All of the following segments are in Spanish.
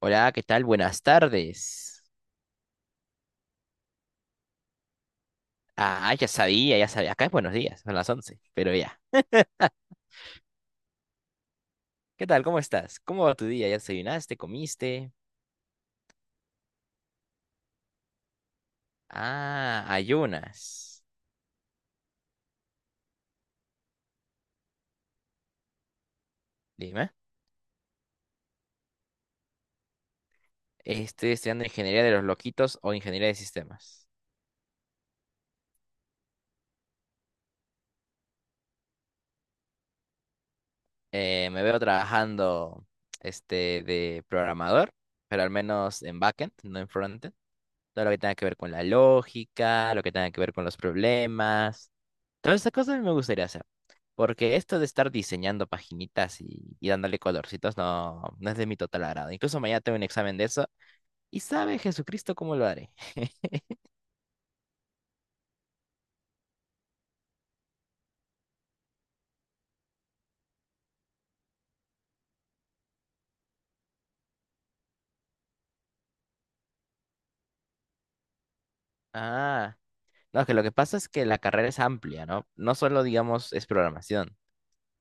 Hola, ¿qué tal? Buenas tardes. Ah, ya sabía, ya sabía. Acá es buenos días, son las 11, pero ya. ¿Qué tal? ¿Cómo estás? ¿Cómo va tu día? ¿Ya desayunaste? ¿Comiste? Ah, ayunas. Dime. Estoy estudiando ingeniería de los loquitos o ingeniería de sistemas. Me veo trabajando de programador, pero al menos en backend, no en frontend. Todo lo que tenga que ver con la lógica, lo que tenga que ver con los problemas, todas esas cosas me gustaría hacer. Porque esto de estar diseñando paginitas y dándole colorcitos no, no es de mi total agrado. Incluso mañana tengo un examen de eso. Y sabe Jesucristo cómo lo haré. Ah, no, que lo que pasa es que la carrera es amplia, ¿no? No solo, digamos, es programación.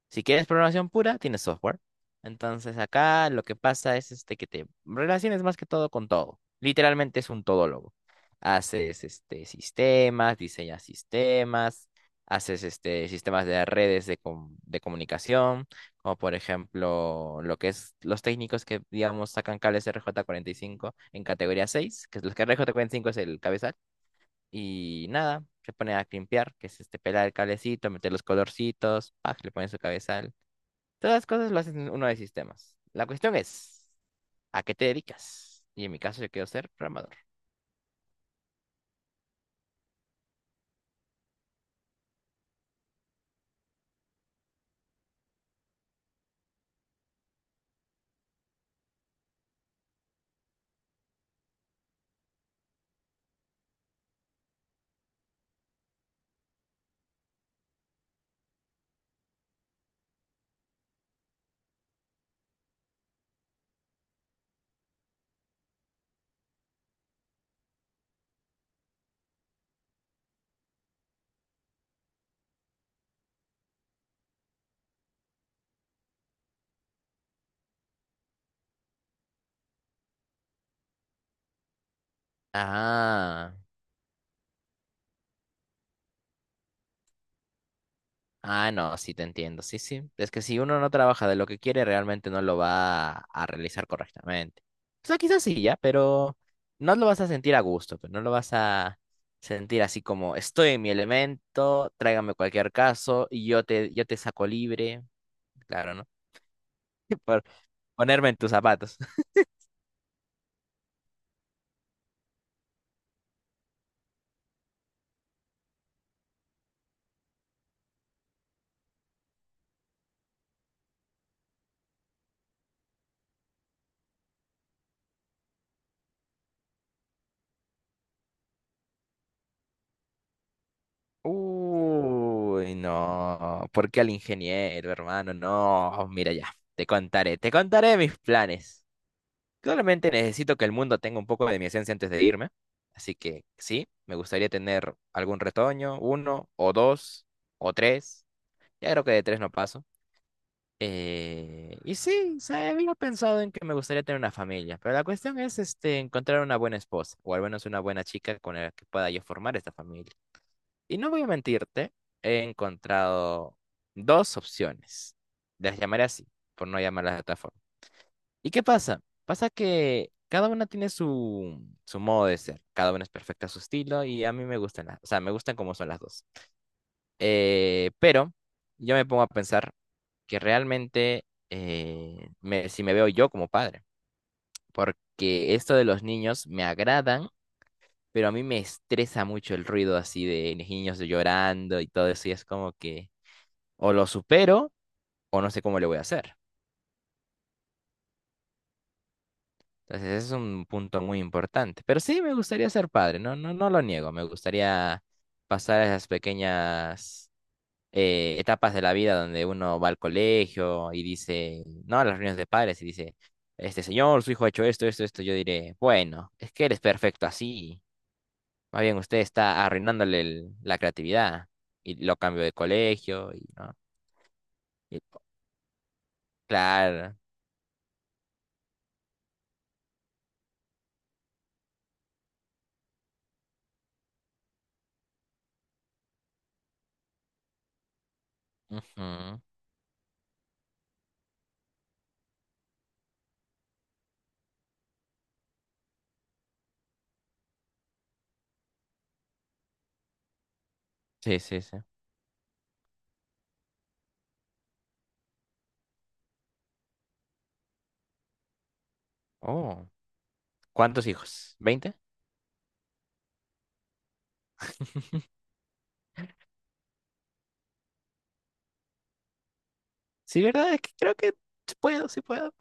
Si quieres programación pura, tienes software. Entonces acá lo que pasa es que te relaciones más que todo con todo. Literalmente es un todólogo. Haces sistemas, diseñas sistemas, haces sistemas de redes de, de comunicación, como por ejemplo lo que es los técnicos que digamos sacan cables RJ45 en categoría 6, que es los que RJ45 es el cabezal y nada, se pone a limpiar, que es pelar el cablecito, meter los colorcitos, pac, le pones su cabezal. Todas las cosas lo hacen uno de sistemas. La cuestión es, ¿a qué te dedicas? Y en mi caso yo quiero ser programador. Ah, no, sí te entiendo, sí, sí. Es que si uno no trabaja de lo que quiere, realmente no lo va a realizar correctamente. O sea, quizás sí, ya, pero no lo vas a sentir a gusto, pero no lo vas a sentir así como estoy en mi elemento, tráigame cualquier caso y yo te saco libre. Claro, ¿no? Por ponerme en tus zapatos. Uy, no. ¿Por qué al ingeniero, hermano? No, mira ya. Te contaré mis planes. Claramente necesito que el mundo tenga un poco de mi esencia antes de irme. Así que sí, me gustaría tener algún retoño, uno o dos o tres. Ya creo que de tres no paso. Y sí, o sea, había pensado en que me gustaría tener una familia, pero la cuestión es encontrar una buena esposa o al menos una buena chica con la que pueda yo formar esta familia. Y no voy a mentirte, he encontrado dos opciones. Las llamaré así, por no llamarlas de otra forma. ¿Y qué pasa? Pasa que cada una tiene su modo de ser. Cada una es perfecta a su estilo y a mí me gustan o sea, me gustan como son las dos. Pero yo me pongo a pensar que realmente si me veo yo como padre, porque esto de los niños me agradan, pero a mí me estresa mucho el ruido así de niños llorando y todo eso y es como que... o lo supero o no sé cómo le voy a hacer. Entonces, ese es un punto muy importante. Pero sí, me gustaría ser padre, no, no, no lo niego. Me gustaría pasar esas pequeñas etapas de la vida donde uno va al colegio y dice, no, a las reuniones de padres y dice, este señor, su hijo ha hecho esto, esto, esto. Yo diré, bueno, es que eres perfecto así. Más bien usted está arruinándole la creatividad. Y lo cambio de colegio y no. y- claro. Ujú, sí, sí, sí. Oh. ¿Cuántos hijos? ¿20? Sí, ¿verdad? Es que creo que sí puedo, sí puedo.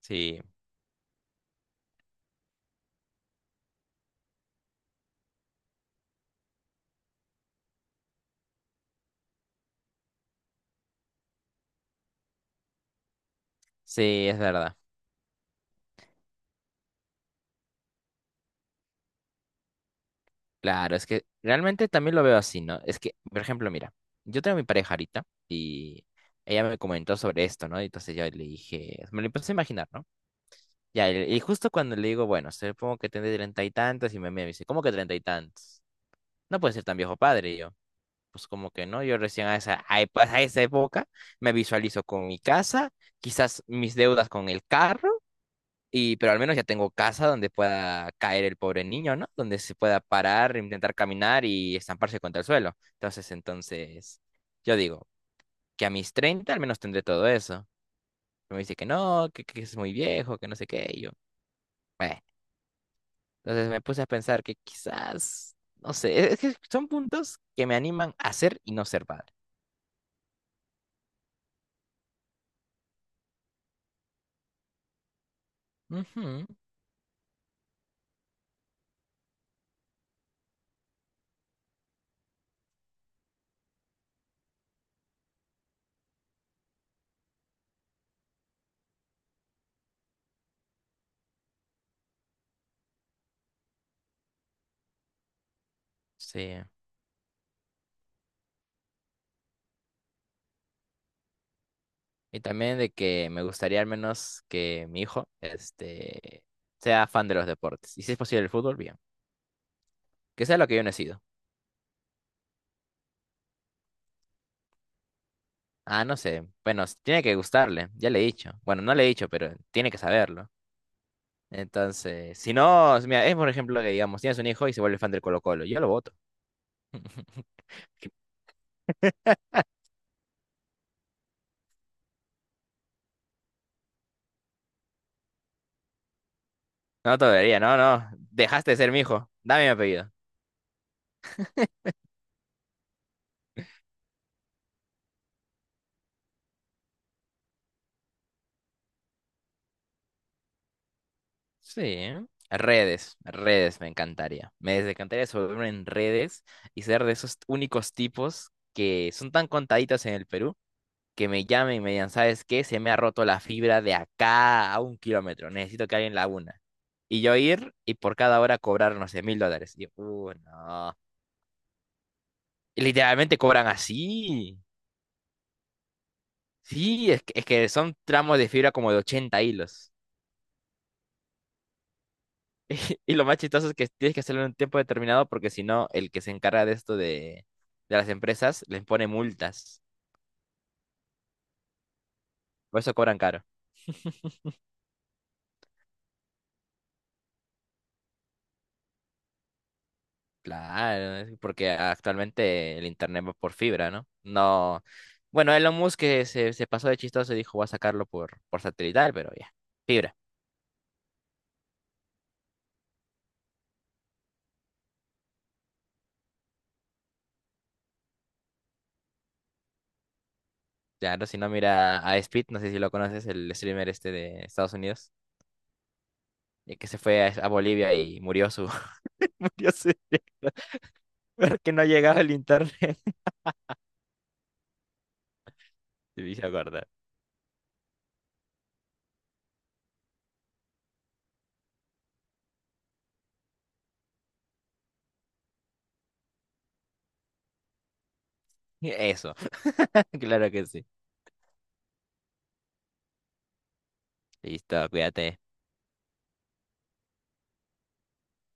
Sí, sí, es verdad. Claro, es que realmente también lo veo así, ¿no? Es que, por ejemplo, mira, yo tengo mi pareja ahorita y ella me comentó sobre esto, ¿no? Y entonces yo le dije, me lo empecé a imaginar, ¿no? Ya, y justo cuando le digo, bueno, supongo que tendré treinta y tantos, y me mira y me dice, ¿cómo que treinta y tantos? No puede ser tan viejo padre, y yo. Pues como que no, yo recién a a esa época me visualizo con mi casa, quizás mis deudas con el carro. Y, pero al menos ya tengo casa donde pueda caer el pobre niño, ¿no? Donde se pueda parar, intentar caminar y estamparse contra el suelo. Entonces, yo digo que a mis 30 al menos tendré todo eso. Pero me dice que no, que es muy viejo, que no sé qué. Y yo, bueno, entonces me puse a pensar que quizás, no sé, es que son puntos que me animan a ser y no ser padre. Ujú, sí. Y también de que me gustaría al menos que mi hijo, sea fan de los deportes. Y si es posible el fútbol, bien. Que sea lo que yo no he sido. Ah, no sé. Bueno, tiene que gustarle, ya le he dicho. Bueno, no le he dicho, pero tiene que saberlo. Entonces, si no, mira, es por ejemplo que digamos, tienes un hijo y se vuelve fan del Colo-Colo, yo lo voto. No te debería, no, no. Dejaste de ser mi hijo. Dame mi apellido. Sí. Redes, redes me encantaría. Me encantaría sobre en redes y ser de esos únicos tipos que son tan contaditos en el Perú que me llamen y me digan, ¿sabes qué? Se me ha roto la fibra de acá a un kilómetro, necesito que alguien la una. Y yo ir y por cada hora cobrar, no sé, $1000. Y yo, no. Y literalmente cobran así. Sí, es que son tramos de fibra como de 80 hilos. Y lo más chistoso es que tienes que hacerlo en un tiempo determinado porque si no, el que se encarga de esto de las empresas les pone multas. Por eso cobran caro. Claro, es porque actualmente el internet va por fibra, ¿no? No. Bueno, Elon Musk que se pasó de chistoso y dijo, voy a sacarlo por satelital, pero ya, fibra. Ya, no, si no, mira a Speed, no sé si lo conoces, el streamer este de Estados Unidos, que se fue a Bolivia y murió su... murió su... directo, porque no llegaba el internet. Te hice acordar. Eso, claro que sí. Listo, cuídate.